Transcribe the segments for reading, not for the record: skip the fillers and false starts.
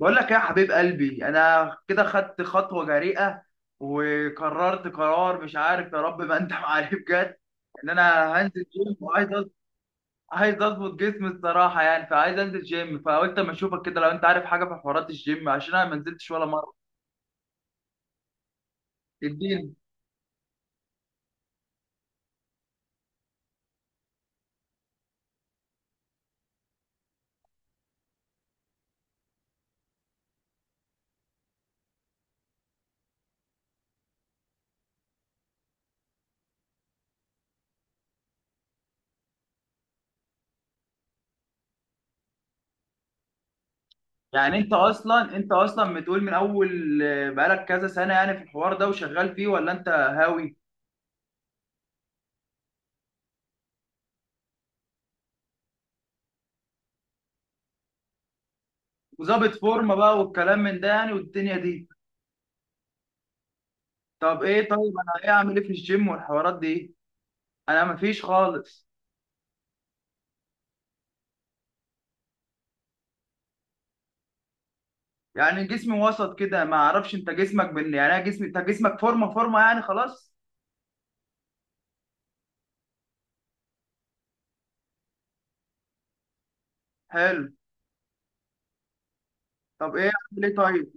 بقول لك يا حبيب قلبي انا كده خدت خطوه جريئه، وقررت قرار مش عارف يا رب ما انت عليه بجد ان انا هنزل جيم عايز اظبط جسمي الصراحه، يعني فعايز انزل جيم، فقلت اما اشوفك كده لو انت عارف حاجه في حوارات الجيم، عشان انا ما نزلتش ولا مره. اديني. يعني انت اصلا بتقول من اول بقالك كذا سنه يعني في الحوار ده وشغال فيه، ولا انت هاوي؟ وظابط فورمه بقى والكلام من ده يعني، والدنيا دي. طب ايه، طيب انا ايه اعمل ايه في الجيم والحوارات دي؟ انا مفيش خالص. يعني جسمي وسط كده ما اعرفش، انت جسمك بن يعني، انا جسمي انت جسمك فورمه فورمه يعني خلاص. حلو. طب ايه اعمل ايه طيب؟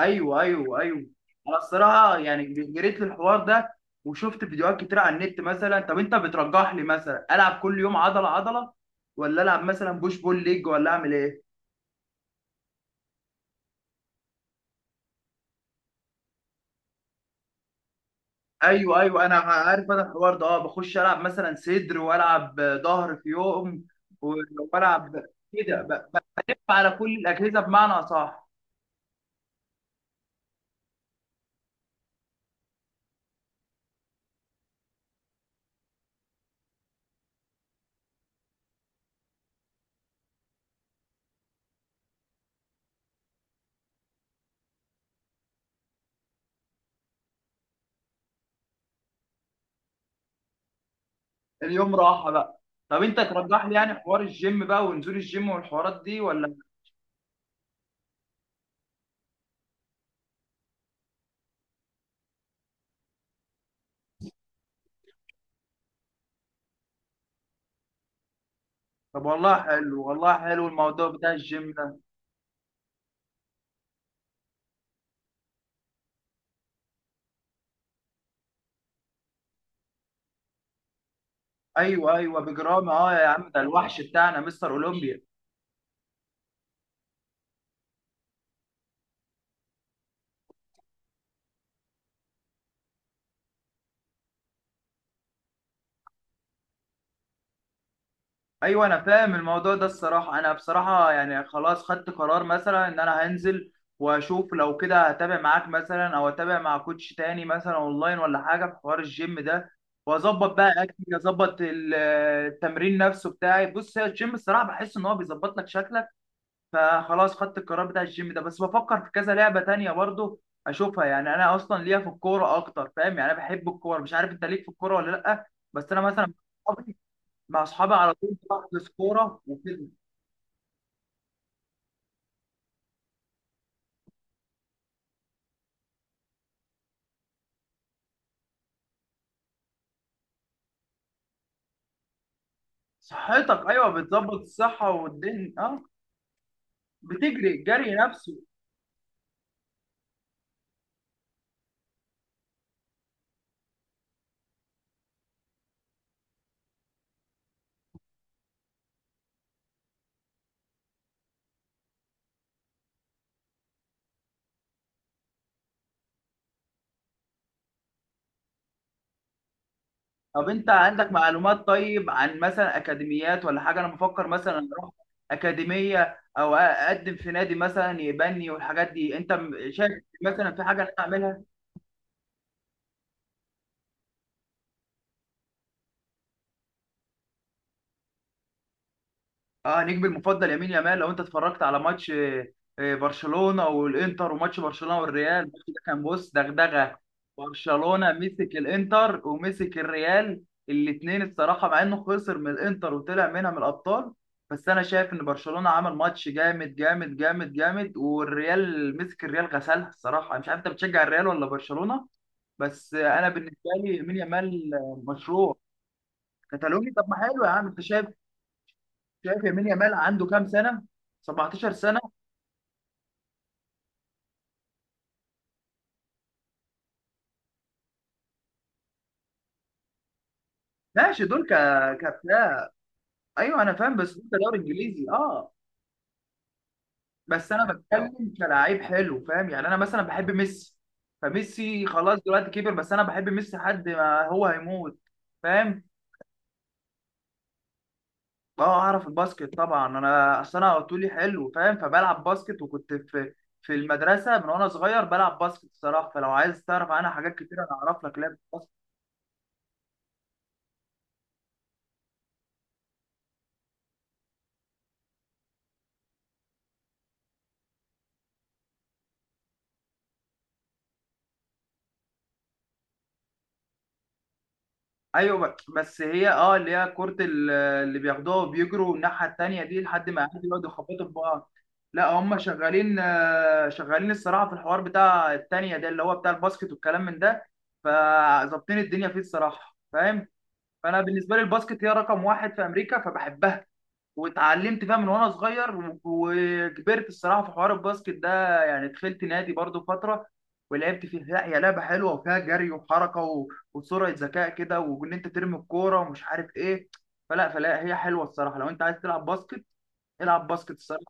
ايوه ايوه ايوه. انا الصراحه يعني جريت للحوار ده وشفت فيديوهات كتير على النت، مثلا طب انت بترجح لي مثلا العب كل يوم عضله عضله، ولا العب مثلا بوش بول ليج، ولا اعمل ايه؟ ايوه ايوه انا عارف، انا الحوار ده اه بخش العب مثلا صدر والعب ظهر في يوم و- والعب كده بلف على كل الاجهزه بمعنى اصح. اليوم راحه بقى. طب انت ترجح لي يعني حوار الجيم بقى ونزول الجيم والحوارات دي، ولا؟ طب والله حلو، والله حلو الموضوع بتاع الجيم ده. ايوه ايوه بجرام، اه يا عم، ده الوحش بتاعنا مستر اولمبيا. ايوه انا فاهم الموضوع ده الصراحه، انا بصراحه يعني خلاص خدت قرار مثلا ان انا هنزل واشوف. لو كده هتابع معاك مثلا، او اتابع مع كوتش تاني مثلا اونلاين، ولا حاجه في حوار الجيم ده. واظبط بقى اكلي، اظبط التمرين نفسه بتاعي. بص هي الجيم الصراحه بحس ان هو بيظبط لك شكلك، فخلاص خدت القرار بتاع الجيم ده. بس بفكر في كذا لعبة تانية برضو اشوفها. يعني انا اصلا ليا في الكورة اكتر، فاهم يعني انا بحب الكورة، مش عارف انت ليك في الكورة ولا لا. بس انا مثلا مع اصحابي، مع أصحابي على طول بحجز كورة وكده. صحتك، ايوه بتظبط الصحة والدنيا اه. بتجري الجري نفسه. طب انت عندك معلومات طيب عن مثلا اكاديميات ولا حاجة؟ انا بفكر مثلا اروح اكاديمية، او اقدم في نادي مثلا يبني والحاجات دي. انت شايف مثلا في حاجة انا اعملها؟ اه نجمي المفضل يمين يامال. لو انت اتفرجت على ماتش برشلونه والانتر، وماتش برشلونه والريال، الماتش ده كان بص دغدغه. برشلونه مسك الانتر ومسك الريال الاثنين الصراحه، مع انه خسر من الانتر وطلع منها من الابطال. بس انا شايف ان برشلونه عمل ماتش جامد جامد جامد جامد، والريال مسك الريال غسلها الصراحه. انا مش عارف انت بتشجع الريال ولا برشلونه، بس انا بالنسبه لي يمين يامال مشروع كتالوني. طب ما حلو يا عم، انت شايف. شايف يمين يامال عنده كام سنه؟ 17 سنه. ماشي دول كبتاع. ايوه انا فاهم، بس انت دوري انجليزي اه. بس انا بتكلم كلاعب حلو، فاهم يعني، انا مثلا بحب ميسي. فميسي خلاص دلوقتي كبر، بس انا بحب ميسي لحد ما هو هيموت. فاهم. اه اعرف الباسكت طبعا، انا اصل انا طولي حلو فاهم، فبلعب باسكت، وكنت في في المدرسه من وانا صغير بلعب باسكت الصراحه. فلو عايز تعرف عنها حاجات كتير انا اعرف لك لعب. ايوه بس هي اه اللي هي كرة اللي بياخدوها وبيجروا الناحية التانية دي لحد ما يعدي، يقعدوا يخبطوا في بعض. لا هم شغالين شغالين الصراحة في الحوار بتاع التانية ده اللي هو بتاع الباسكت والكلام من ده، فظابطين الدنيا فيه الصراحة فاهم. فأنا بالنسبة لي الباسكت هي رقم واحد في أمريكا فبحبها، واتعلمت فيها من وانا صغير وكبرت الصراحه في حوار الباسكت ده. يعني دخلت نادي برضو فتره ولعبت فيها. لا هي لعبه حلوه، وفيها جري وحركه وسرعه ذكاء كده، وان انت ترمي الكوره ومش عارف ايه. فلا هي حلوه الصراحه، لو انت عايز تلعب باسكت، العب باسكت الصراحه.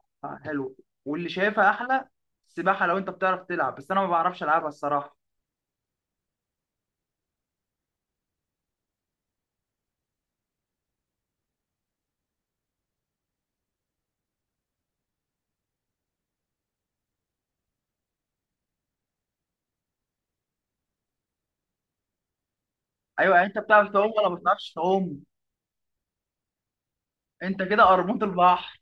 حلو. واللي شايفها احلى السباحه، لو انت بتعرف تلعب، بس انا ما بعرفش العبها الصراحه. ايوه يعني انت بتعرف تعوم ولا ما بتعرفش تعوم؟ انت كده قرموط البحر.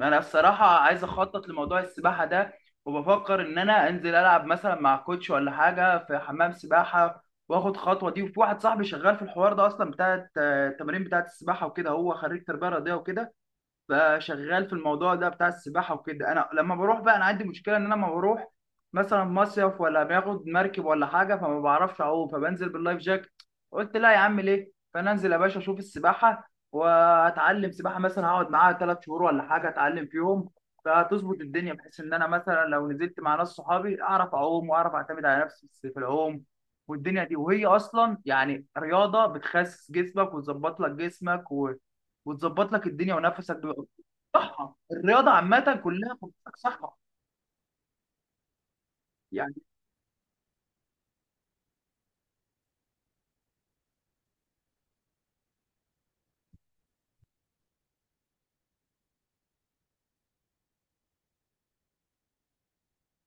انا الصراحه عايز اخطط لموضوع السباحه ده، وبفكر ان انا انزل العب مثلا مع كوتش ولا حاجه في حمام سباحه واخد خطوه دي. وفي واحد صاحبي شغال في الحوار ده اصلا بتاع التمارين بتاعه السباحه وكده، هو خريج تربيه رياضيه وكده، بقى شغال في الموضوع ده بتاع السباحه وكده. انا لما بروح بقى، انا عندي مشكله ان انا لما بروح مثلا مصيف ولا باخد مركب ولا حاجه، فما بعرفش اعوم، فبنزل باللايف جاكت. قلت لا يا عم ليه، فانا انزل يا باشا اشوف السباحه واتعلم سباحه، مثلا هقعد معاها ثلاث شهور ولا حاجه اتعلم فيهم، فهتظبط الدنيا بحيث ان انا مثلا لو نزلت مع ناس صحابي اعرف اعوم، واعرف اعتمد على نفسي في العوم والدنيا دي. وهي اصلا يعني رياضه بتخسس جسمك وتظبط لك جسمك وتظبط لك الدنيا، ونفسك بيبقى صحه. الرياضه عامه كلها بتبقى صحه يعني.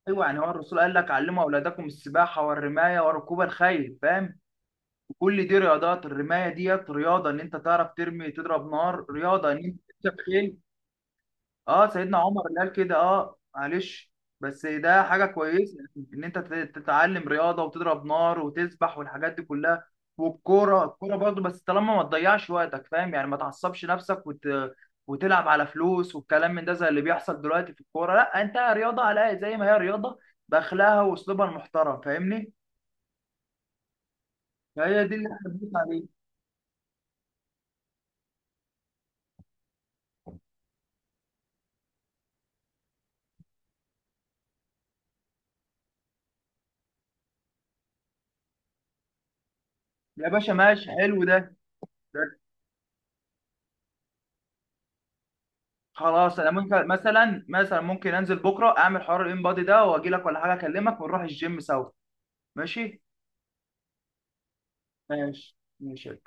ايوه يعني، هو الرسول قال لك علموا اولادكم السباحه والرمايه وركوب الخيل فاهم. كل دي رياضات، الرمايه ديت رياضه ان انت تعرف ترمي تضرب نار، رياضه ان انت تركب خيل. اه سيدنا عمر قال كده اه، معلش. بس ده حاجه كويسه ان انت تتعلم رياضه وتضرب نار وتسبح والحاجات دي كلها. والكوره الكوره برضه، بس طالما ما تضيعش وقتك فاهم، يعني ما تعصبش نفسك وتلعب على فلوس والكلام من ده زي اللي بيحصل دلوقتي في الكوره. لا انت رياضه على الأقل زي ما هي رياضه باخلاقها واسلوبها المحترم فاهمني. فهي دي اللي احنا بنقول عليه. يا باشا ماشي، حلو ده. ده خلاص انا ممكن مثلا، ممكن انزل بكره اعمل حوار الان بادي ده، واجي لك ولا حاجه اكلمك ونروح الجيم سوا. ماشي. ماشي ماشي.